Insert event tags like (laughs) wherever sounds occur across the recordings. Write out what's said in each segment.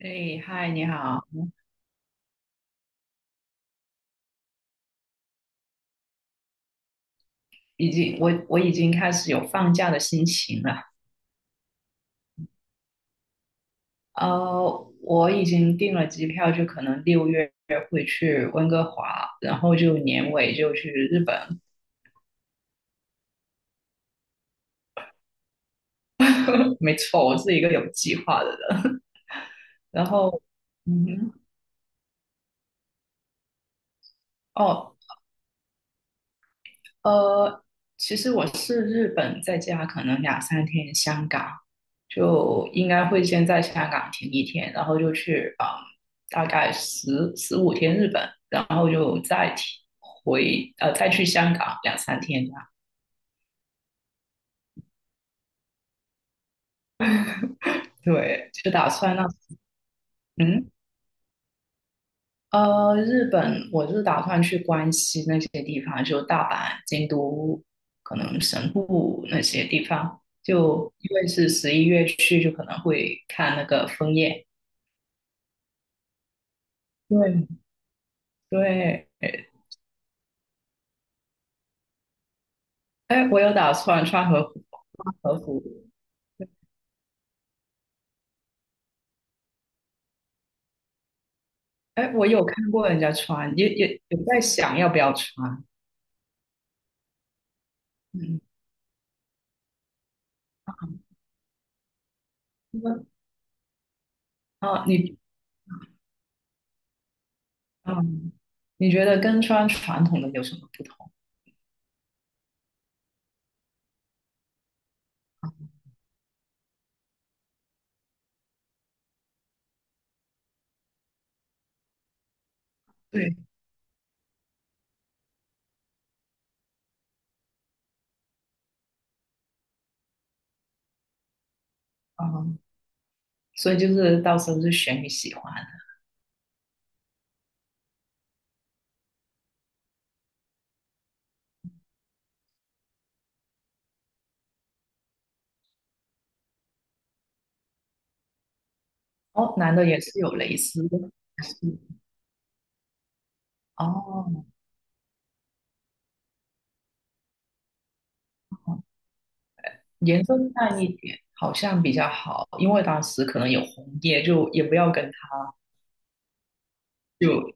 哎，嗨，你好。已经我我已经开始有放假的心情了。我已经订了机票，就可能6月会去温哥华，然后就年尾就去日本。(laughs) 没错，我是一个有计划的人。然后，嗯哼。哦，呃，其实我是日本，在家可能两三天。就应该会先在香港停1天，然后就去大概十五天日本，然后就再停回再去香港两三天这样。对，就打算嗯日本，我是打算去关西那些地方，就大阪、京都，可能神户那些地方。就因为是十一月去，就可能会看那个枫叶。对对。哎，我有打算穿和服，穿和服。哎，我有看过人家穿，也有在想要不要穿。嗯，那啊，你嗯，你觉得跟穿传统的有什么不同？对。啊，所以就是到时候是选你喜欢的。哦，男的也是有蕾丝的，是哦。哦颜色淡一点好像比较好，因为当时可能有红叶，就也不要跟他就。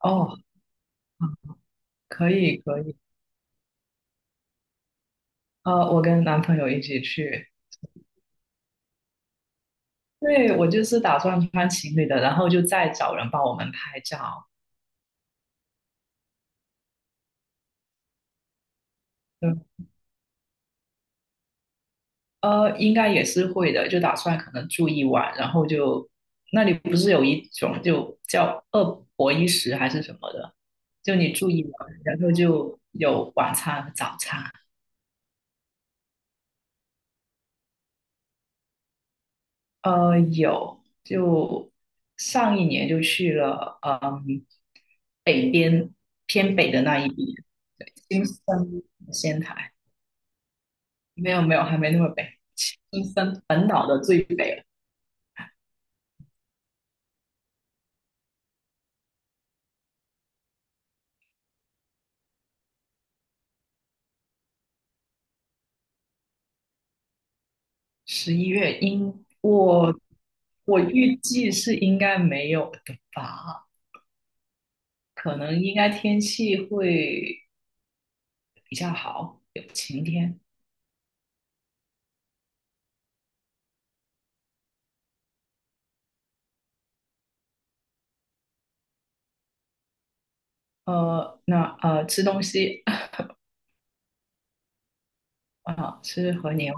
哦，嗯可以可以。我跟男朋友一起去。对，我就是打算穿情侣的，然后就再找人帮我们拍照。对。应该也是会的，就打算可能住一晚，然后就那里不是有一种就叫2博1食还是什么的，就你住一晚，然后就有晚餐和早餐。有，就上一年就去了。嗯，北边偏北的那一边。对，仙台。没有没有，还没那么北，青三本岛的最北了。十一月我预计是应该没有的吧，可能应该天气会比较好，有晴天。那吃东西。 (laughs) 啊，吃和牛。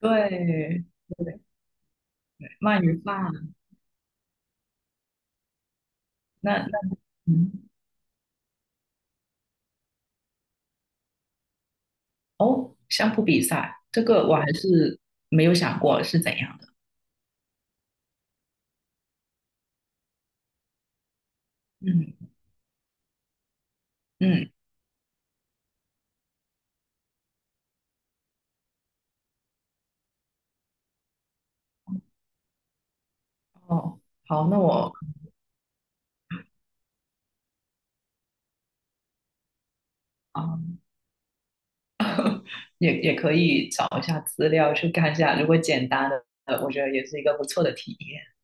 对对，鳗鱼饭。那那嗯哦，相扑比赛这个我还是没有想过是怎样的。嗯嗯哦，好，那我啊。也可以找一下资料去看一下，如果简单的，我觉得也是一个不错的体验。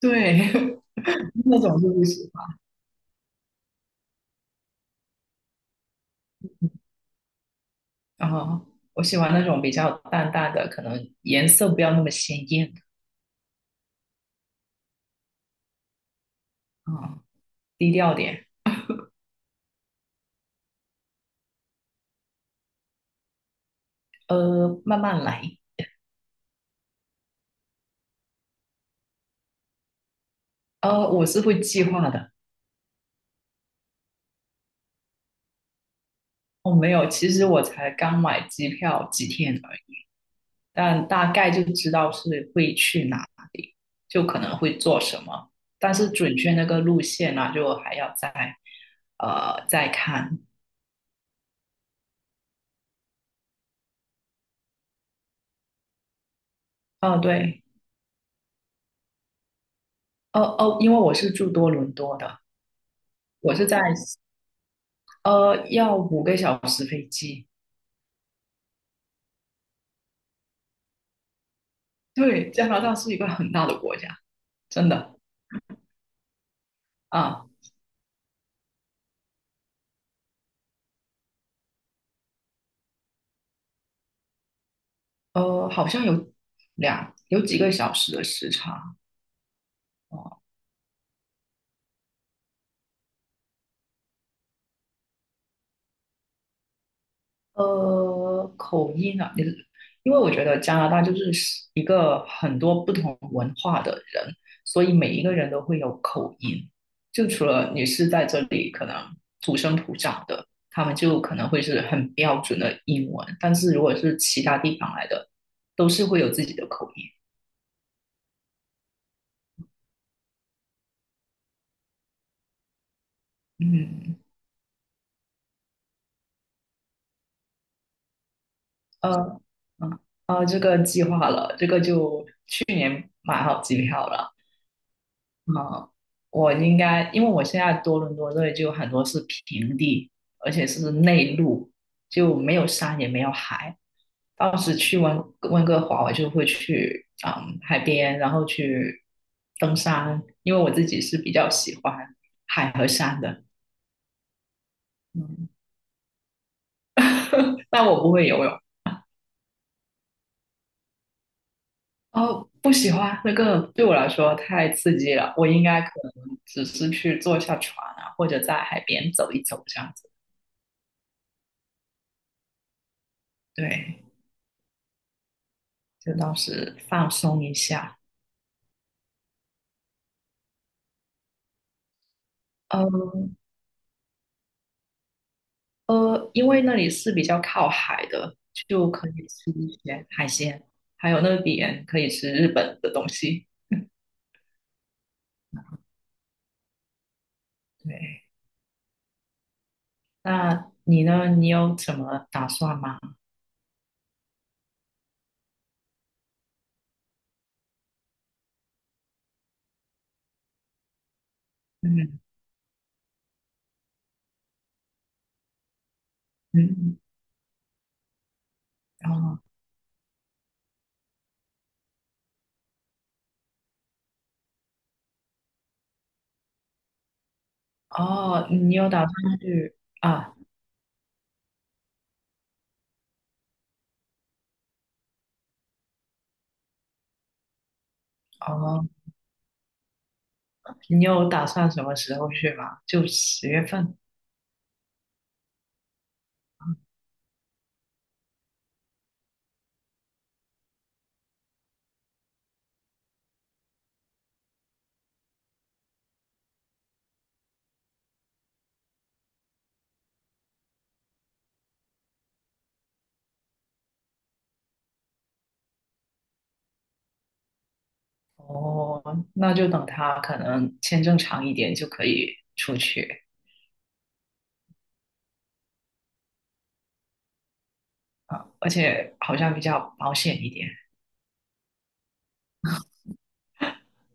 (laughs) 对，那种就不喜欢。啊，我喜欢那种比较淡淡的，可能颜色不要那么鲜艳啊、低调点。慢慢来。我是会计划的。没有，其实我才刚买机票几天而已。但大概就知道是会去哪里，就可能会做什么，但是准确那个路线呢、啊就还要再看。哦，对。哦哦，因为我是住多伦多的。我是要5个小时飞机。对，加拿大是一个很大的国家，真的啊。好像有几个小时的时差。哦。口音啊。因为我觉得加拿大就是一个很多不同文化的人，所以每一个人都会有口音。就除了你是在这里可能土生土长的，他们就可能会是很标准的英文，但是如果是其他地方来的，都是会有自己的口音。嗯，呃，嗯，这个计划了，这个就去年买好机票了。啊，我应该，因为我现在多伦多这里就很多是平地，而且是内陆，就没有山也没有海。当时去温哥华，我就会去海边，然后去登山，因为我自己是比较喜欢海和山的。嗯，(laughs) 但我不会游泳。哦，不喜欢那个对我来说太刺激了，我应该可能只是去坐下船啊，或者在海边走一走这样子。对，就当时放松一下。嗯因为那里是比较靠海的，就可以吃一些海鲜，还有那边可以吃日本的东西。(laughs) 对。那你呢？你有什么打算吗？嗯。嗯，哦哦，你有打算去啊？哦，你有打算什么时候去吗？就10月份。哦，那就等他可能签证长一点就可以出去。而且好像比较保险一点。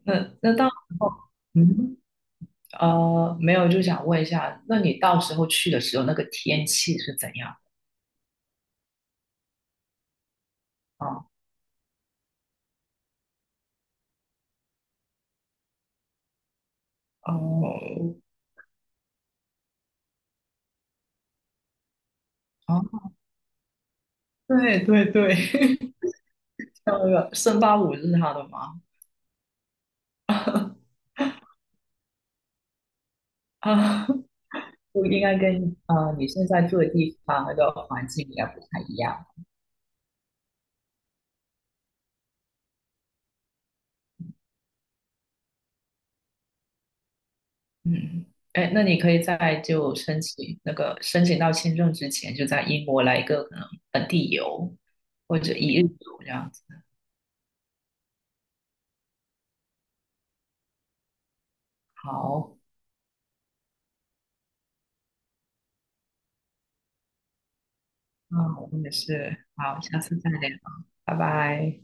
那那到时候，嗯，没有，就想问一下，那你到时候去的时候，那个天气是怎样啊？哦。哦，对对对。(laughs) 像那个圣巴五日他的吗？(laughs) 啊，就应该跟啊你现在住的地方那个环境应该不太一样。嗯。哎，那你可以在就申请那个申请到签证之前，就在英国来一个可能本地游或者一日游这样子。好，嗯，我也是。好，下次再聊。拜拜。